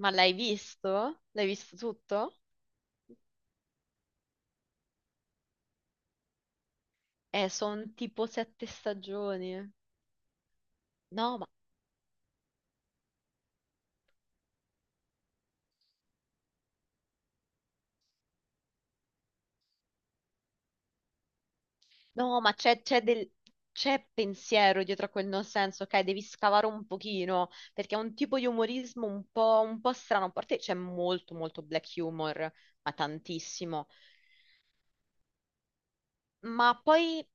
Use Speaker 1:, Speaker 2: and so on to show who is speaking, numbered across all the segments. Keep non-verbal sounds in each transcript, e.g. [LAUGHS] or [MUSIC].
Speaker 1: Ma l'hai visto? L'hai visto tutto? Sono tipo 7 stagioni. No, ma, no, ma c'è del... c'è pensiero dietro a quel non senso, ok? Devi scavare un pochino, perché è un tipo di umorismo un po' strano. A parte c'è molto, molto black humor, ma tantissimo. Ma poi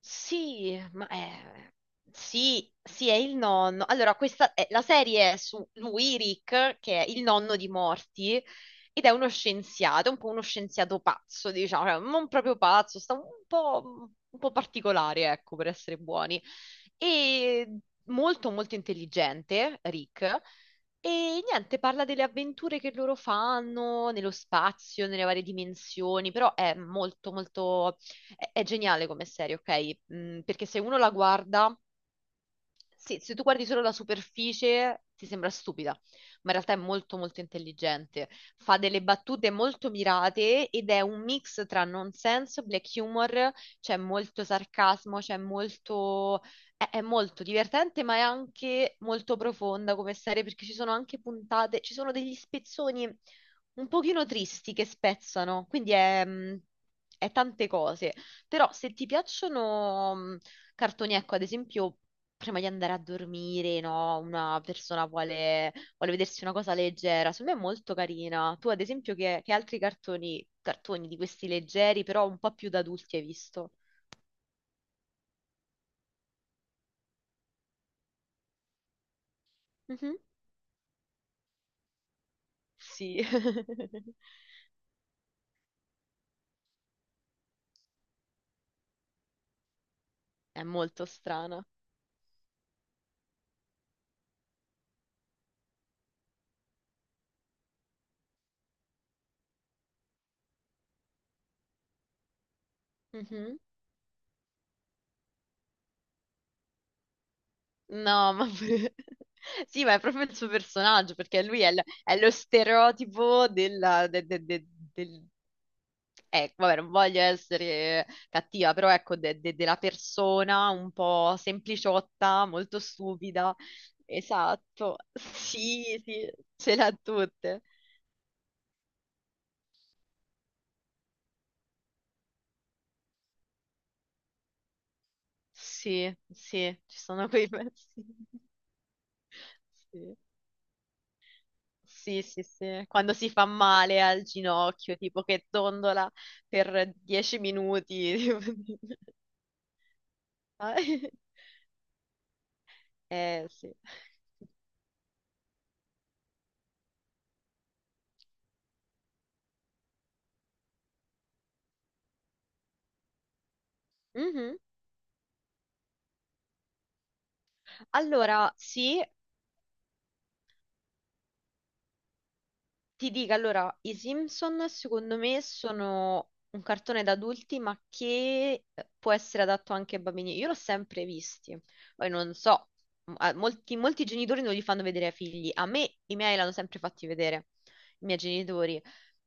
Speaker 1: Sì, ma sì, sì, è il nonno. Allora, la serie è su lui, Rick, che è il nonno di Morty, ed è uno scienziato, un po' uno scienziato pazzo, diciamo, cioè, non proprio pazzo, sta un po' particolare, ecco, per essere buoni. E molto, molto intelligente, Rick. E niente, parla delle avventure che loro fanno nello spazio, nelle varie dimensioni, però è è geniale come serie, ok? Perché se uno la guarda, sì, se tu guardi solo la superficie ti sembra stupida, ma in realtà è molto molto intelligente. Fa delle battute molto mirate ed è un mix tra nonsense, black humor, c'è molto sarcasmo, c'è molto... È molto divertente, ma è anche molto profonda come serie perché ci sono anche puntate, ci sono degli spezzoni un pochino tristi che spezzano, quindi è tante cose, però se ti piacciono cartoni, ecco, ad esempio, prima di andare a dormire, no? Una persona vuole vedersi una cosa leggera, secondo me è molto carina. Tu, ad esempio, che altri cartoni di questi leggeri, però un po' più da adulti hai visto? Mhm. Sì, [LAUGHS] è molto strana. Mhm. No, [LAUGHS] sì, ma è proprio il suo personaggio, perché lui è lo stereotipo della, de- de- de- del... vabbè, non voglio essere cattiva, però ecco, della persona un po' sempliciotta, molto stupida. Esatto, [LAUGHS] sì, sì, ce l'ha tutte. Sì, sì, ci sono quei pezzi. [LAUGHS] Sì. Sì, sì, sì, quando si fa male al ginocchio, tipo che dondola per 10 minuti. [LAUGHS] tipo- [LAUGHS] Eh sì. Mhm. Allora, sì, ti dico allora, i Simpson secondo me sono un cartone da adulti, ma che può essere adatto anche ai bambini. Io l'ho sempre visti, poi non so, molti, molti genitori non li fanno vedere ai figli. A me i miei l'hanno sempre fatti vedere, i miei genitori.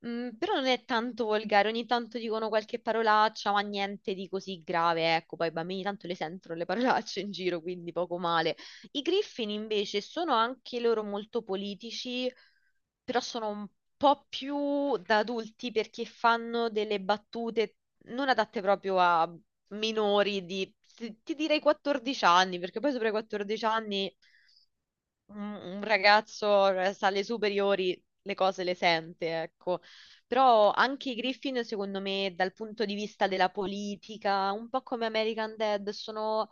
Speaker 1: Mm, però non è tanto volgare, ogni tanto dicono qualche parolaccia, ma niente di così grave, ecco, poi i bambini tanto le sentono le parolacce in giro, quindi poco male. I Griffin invece sono anche loro molto politici, però sono un po' più da adulti perché fanno delle battute non adatte proprio a minori di, ti direi 14 anni, perché poi sopra i 14 anni un ragazzo sa le superiori, le cose le sente, ecco. Però anche i Griffin, secondo me, dal punto di vista della politica, un po' come American Dad, sono,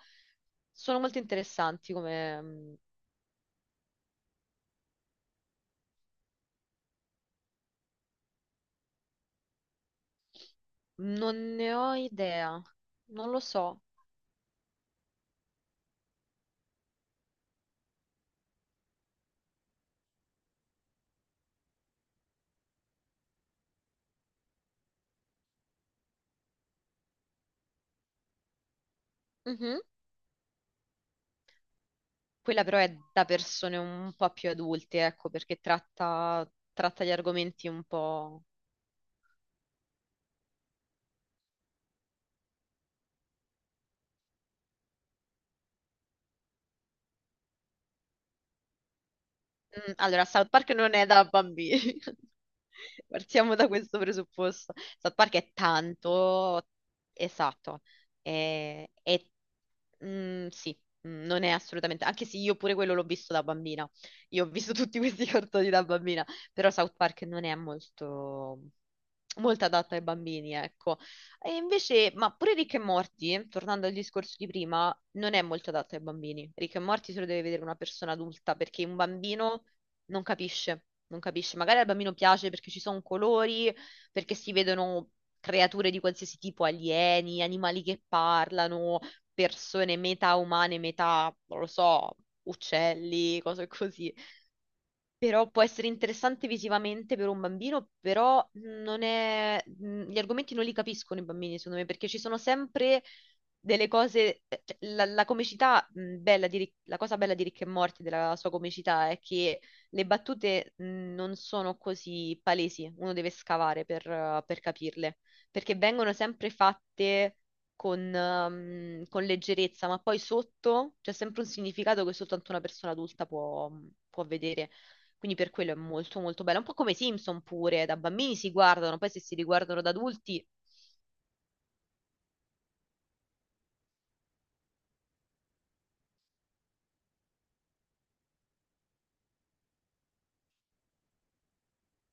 Speaker 1: sono molto interessanti come. Non ne ho idea, non lo so. Mhm. Quella però è da persone un po' più adulte, ecco, perché tratta, tratta di argomenti un po'. Allora, South Park non è da bambini. [LAUGHS] Partiamo da questo presupposto. South Park è tanto, esatto, e- mm, sì, mm, non è assolutamente, anche se io pure quello l'ho visto da bambina, io ho visto tutti questi [LAUGHS] cartoni da bambina, però South Park non è molto, molto adatto ai bambini, ecco. E invece, ma pure Rick e Morty, tornando al discorso di prima, non è molto adatto ai bambini. Rick e Morty se lo deve vedere una persona adulta perché un bambino non capisce, non capisce. Magari al bambino piace perché ci sono colori, perché si vedono creature di qualsiasi tipo, alieni, animali che parlano, persone metà umane, metà, non lo so, uccelli, cose così. Però può essere interessante visivamente per un bambino, però non è... gli argomenti non li capiscono i bambini, secondo me, perché ci sono sempre delle cose... cioè, la comicità, la cosa bella di Rick e Morty, della sua comicità, è che le battute non sono così palesi, uno deve scavare per capirle, perché vengono sempre fatte con leggerezza, ma poi sotto c'è sempre un significato che soltanto una persona adulta può vedere. Quindi per quello è molto molto bella. Un po' come i Simpson pure, da bambini si guardano, poi se si riguardano da adulti,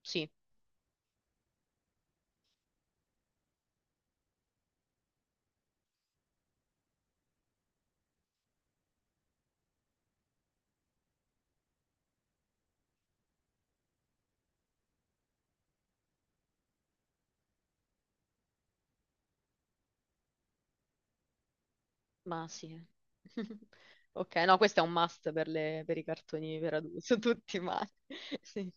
Speaker 1: sì, ma sì. [LAUGHS] Ok, no, questo è un must per, le- per i cartoni per adulti, [LAUGHS] tutti, ma... [LAUGHS] Sì.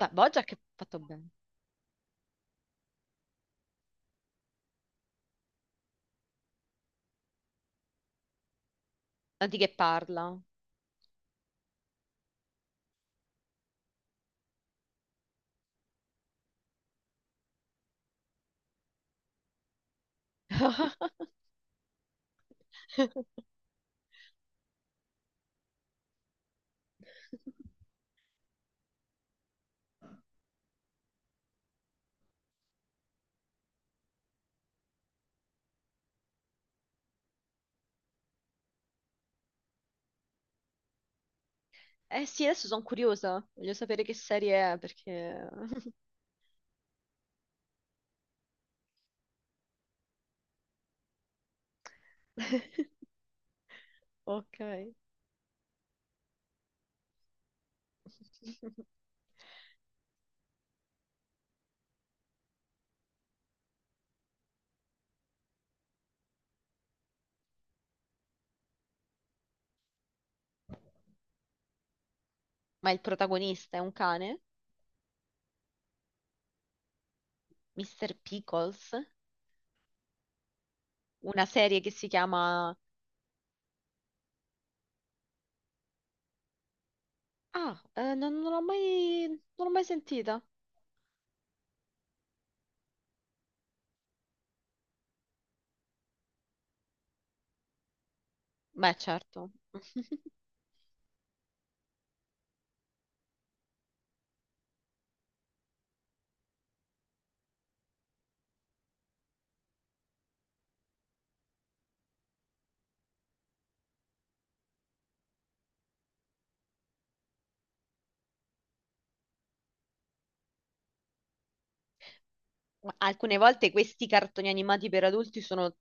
Speaker 1: Beh, BoJack è fatto bene. Tanti che parla. [LAUGHS] Eh sì, adesso sono curiosa. Voglio sapere che serie è, perché... [LAUGHS] Ok. [LAUGHS] Ma il protagonista è un cane? Mr. Pickles, una serie che si chiama... Ah, non l'ho mai sentita. Beh, certo. [LAUGHS] Ma alcune volte questi cartoni animati per adulti sono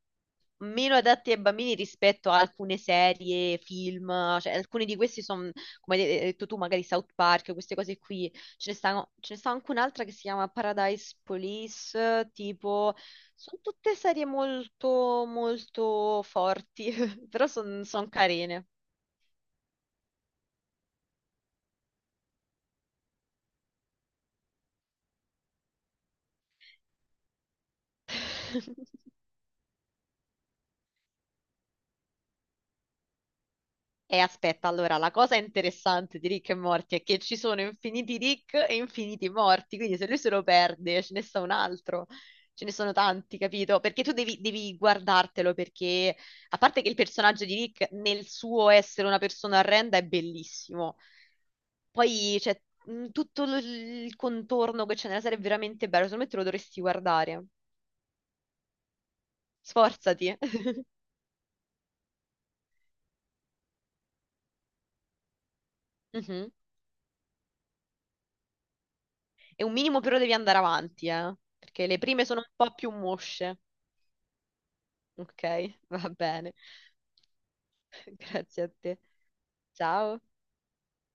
Speaker 1: meno adatti ai bambini rispetto a alcune serie, film, cioè alcuni di questi sono, come hai detto tu, magari South Park, queste cose qui. Ce ne stanno, ce ne sta anche un'altra che si chiama Paradise Police, tipo, sono tutte serie molto, molto forti, [LAUGHS] però sono carine. [LAUGHS] E aspetta, allora, la cosa interessante di Rick e Morty è che ci sono infiniti Rick e infiniti morti, quindi se lui se lo perde ce ne sta un altro, ce ne sono tanti, capito? Perché tu devi guardartelo, perché a parte che il personaggio di Rick nel suo essere una persona orrenda è bellissimo, poi c'è mh, tutto l- il contorno che c'è nella serie è veramente bello, secondo me te lo dovresti guardare, sforzati. [LAUGHS] Mhm. E un minimo però devi andare avanti, perché le prime sono un po' più mosce. Ok, va bene. [LAUGHS] Grazie a te. Ciao.